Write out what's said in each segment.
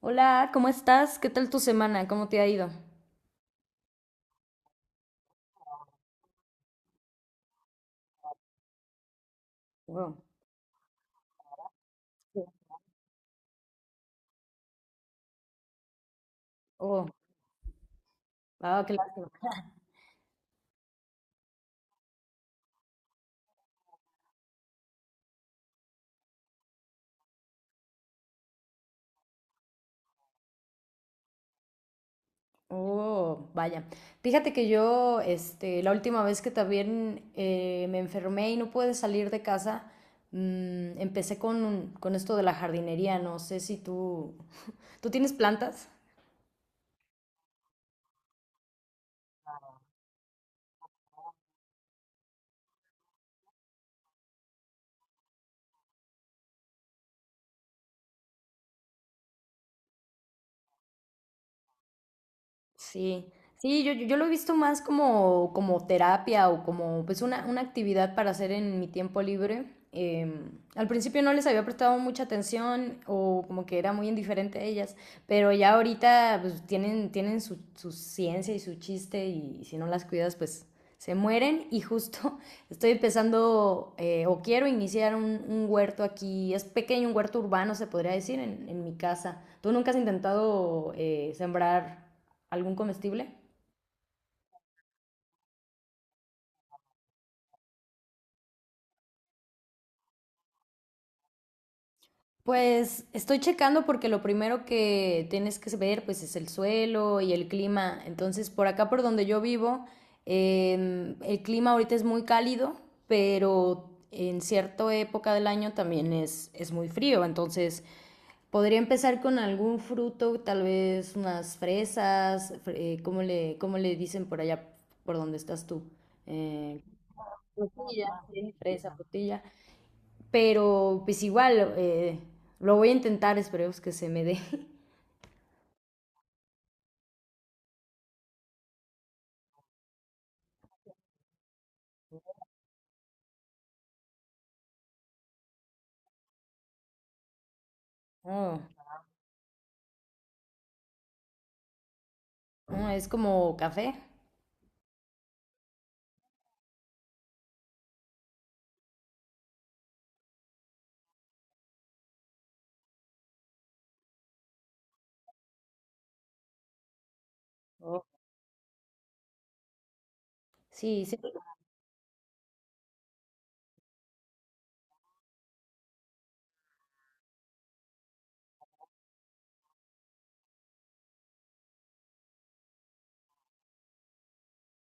Hola, ¿cómo estás? ¿Qué tal tu semana? ¿Cómo te ha ido? Oh, sí. Oh, ah, qué lástima. Oh, vaya. Fíjate que yo, este, la última vez que también me enfermé y no pude salir de casa, empecé con esto de la jardinería. No sé si tú, ¿tú tienes plantas? Sí, sí, yo lo he visto más como terapia o como pues una actividad para hacer en mi tiempo libre. Al principio no les había prestado mucha atención o como que era muy indiferente a ellas, pero ya ahorita pues tienen su ciencia y su chiste y si no las cuidas pues se mueren y justo estoy empezando o quiero iniciar un huerto aquí, es pequeño, un huerto urbano se podría decir en mi casa. ¿Tú nunca has intentado sembrar algún comestible? Pues estoy checando porque lo primero que tienes que ver pues es el suelo y el clima. Entonces por acá por donde yo vivo el clima ahorita es muy cálido, pero en cierta época del año también es muy frío. Entonces podría empezar con algún fruto, tal vez unas ¿cómo cómo le dicen por allá por donde estás tú? Eh, frutilla, sí, fresa, frutilla. Pero pues igual, lo voy a intentar, esperemos que se me dé. Oh, oh, es como café. Oh, sí, sí.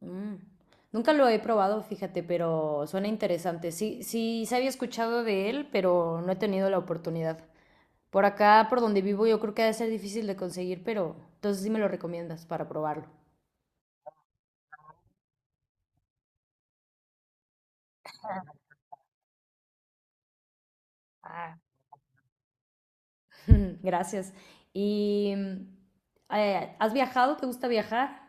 Mm. Nunca lo he probado, fíjate, pero suena interesante. Sí, sí, se había escuchado de él, pero no he tenido la oportunidad. Por acá, por donde vivo, yo creo que ha de ser difícil de conseguir, pero entonces sí me lo recomiendas para probarlo. Gracias. ¿Y has viajado? ¿Te gusta viajar?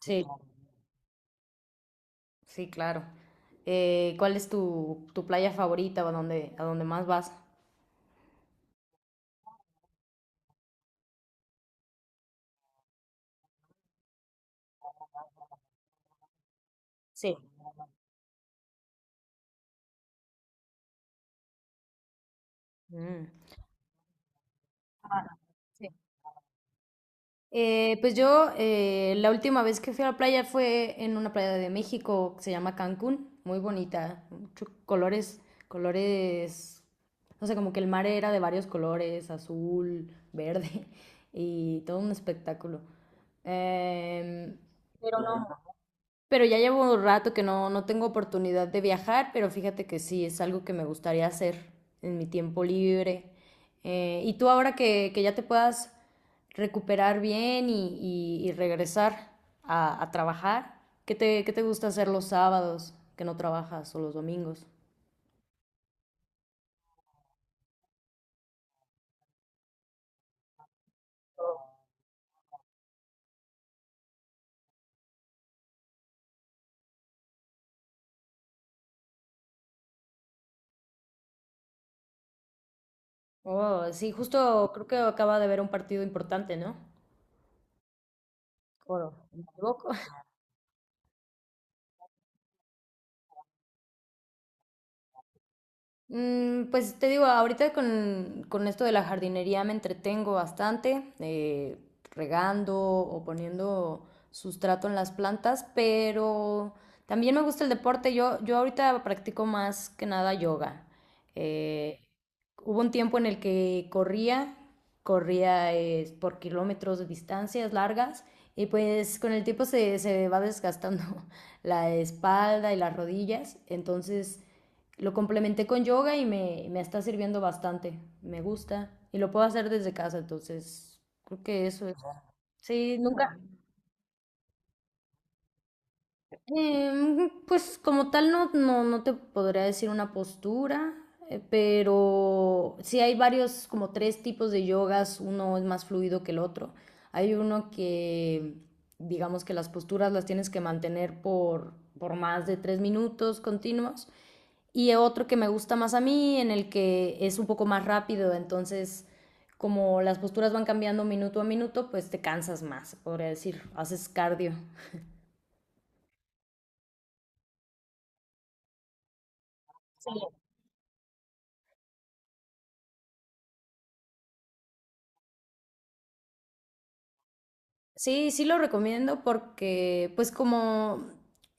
Sí. Sí, claro. ¿Cuál es tu playa favorita o a dónde más vas? Sí. Mm. Habana, sí. Pues yo la última vez que fui a la playa fue en una playa de México que se llama Cancún, muy bonita, muchos colores, colores, no sé, como que el mar era de varios colores, azul, verde y todo un espectáculo. Em, pero no, Pero ya llevo un rato que no, no tengo oportunidad de viajar, pero fíjate que sí, es algo que me gustaría hacer en mi tiempo libre. Y tú ahora que ya te puedas recuperar bien y regresar a trabajar, ¿qué qué te gusta hacer los sábados que no trabajas o los domingos? Oh, sí, justo creo que acaba de haber un partido importante, ¿no? Oro, ¿me equivoco? Mm, pues te digo, ahorita con esto de la jardinería me entretengo bastante, regando o poniendo sustrato en las plantas, pero también me gusta el deporte. Yo ahorita practico más que nada yoga. Eh, hubo un tiempo en el que corría, corría por kilómetros de distancias largas y pues con el tiempo se va desgastando la espalda y las rodillas, entonces... Lo complementé con yoga y me está sirviendo bastante. Me gusta. Y lo puedo hacer desde casa, entonces creo que eso es. Sí, nunca. Em, pues como tal no, no, no te podría decir una postura, pero sí hay varios, como tres tipos de yogas. Uno es más fluido que el otro. Hay uno que, digamos que las posturas las tienes que mantener por más de tres minutos continuos. Y otro que me gusta más a mí, en el que es un poco más rápido, entonces como las posturas van cambiando minuto a minuto, pues te cansas más, podría decir, haces cardio. Sí, sí lo recomiendo porque pues como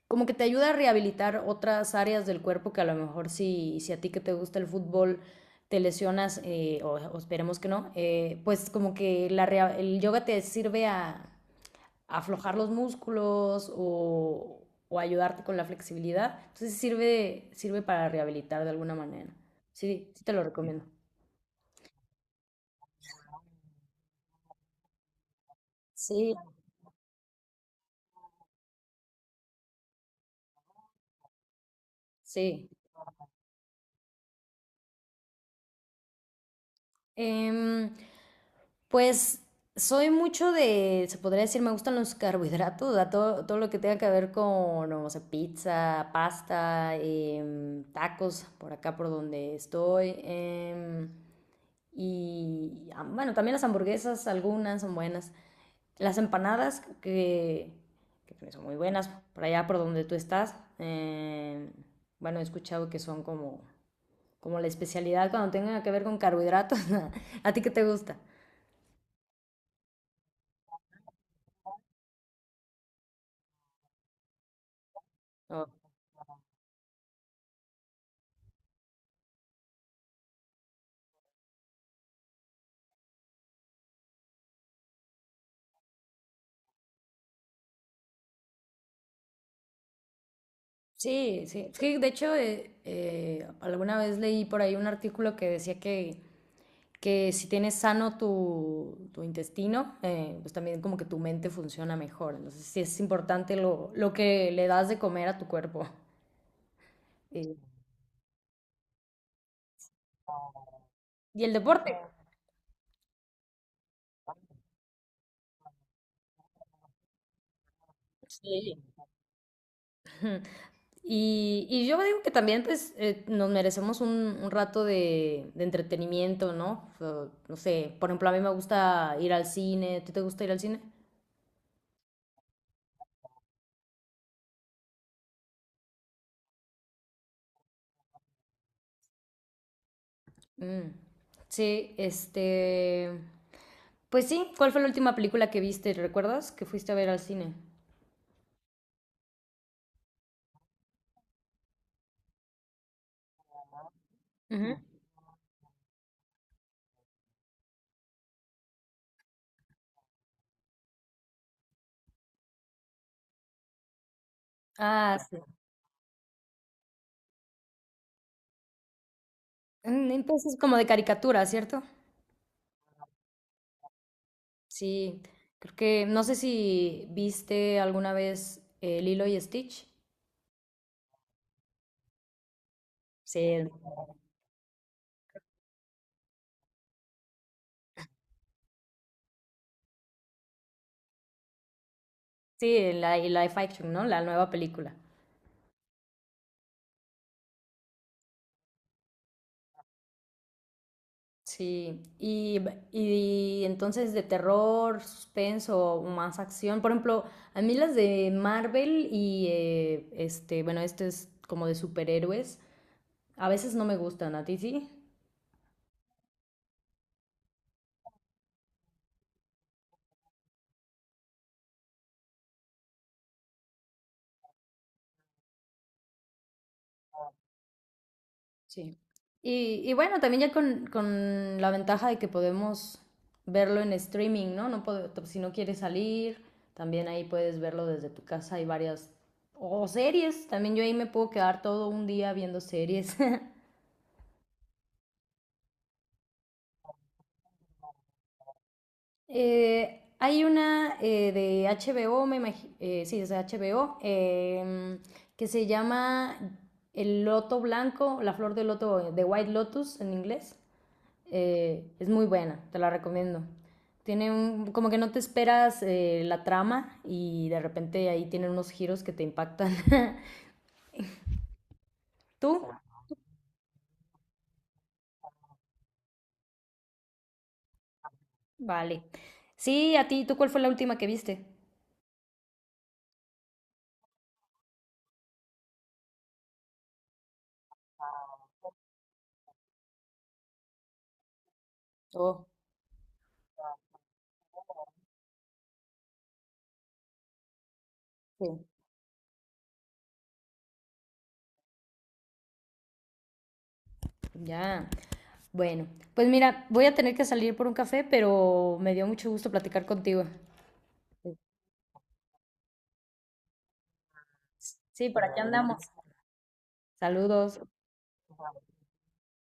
como que te ayuda a rehabilitar otras áreas del cuerpo que a lo mejor si, si a ti que te gusta el fútbol te lesionas, esperemos que no, pues como que el yoga te sirve a, aflojar los músculos o ayudarte con la flexibilidad. Entonces sirve, sirve para rehabilitar de alguna manera. Sí, sí te lo recomiendo. Sí, sí. Em, pues soy mucho de, se podría decir, me gustan los carbohidratos, o sea, todo, todo lo que tenga que ver con, no sé, pizza, pasta, tacos, por acá por donde estoy. Bueno, también las hamburguesas, algunas son buenas. Las empanadas que pues, son muy buenas por allá por donde tú estás. Bueno, he escuchado que son como, como la especialidad cuando tenga que ver con carbohidratos. ¿A ti qué te gusta? Oh, sí, sí. Es que, de hecho, alguna vez leí por ahí un artículo que decía que si tienes sano tu intestino, pues también como que tu mente funciona mejor. Entonces, sí es importante lo que le das de comer a tu cuerpo. Sí. Y el deporte. Sí. Ujú. Y yo digo que también pues nos merecemos un rato de entretenimiento, ¿no? O, no sé, por ejemplo, a mí me gusta ir al cine, ¿tú te gusta ir al cine? Mm. Sí, este... Pues sí, ¿cuál fue la última película que viste? ¿Recuerdas que fuiste a ver al cine? Ujú. Ah, sí. Mm, entonces como de caricatura, ¿cierto? Sí, creo que no sé si viste alguna vez Lilo y Stitch. Sí. Sí, la y live action, ¿no? La nueva película. Sí, y entonces de terror, suspenso, más acción. Por ejemplo, a mí las de Marvel y este, bueno, este es como de superhéroes, a veces no me gustan, ¿a ti sí? Sí. Y bueno, también ya con la ventaja de que podemos verlo en streaming, ¿no? No puedo- t- si no quieres salir, también ahí puedes verlo desde tu casa. Hay varias... O series, también yo ahí me puedo quedar todo un día viendo series. Hay una de HBO, me imagi- sí, es de HBO, que se llama El Loto Blanco, la flor del loto, de White Lotus en inglés. Es muy buena, te la recomiendo. Tiene un, como que no te esperas la trama y de repente ahí tienen unos giros que te impactan. ¿Tú? Vale. Sí, a ti, ¿tú cuál fue la última que viste? Oh, sí. Ya. Bueno, pues mira, voy a tener que salir por un café, pero me dio mucho gusto platicar contigo. Sí, por aquí andamos. Saludos.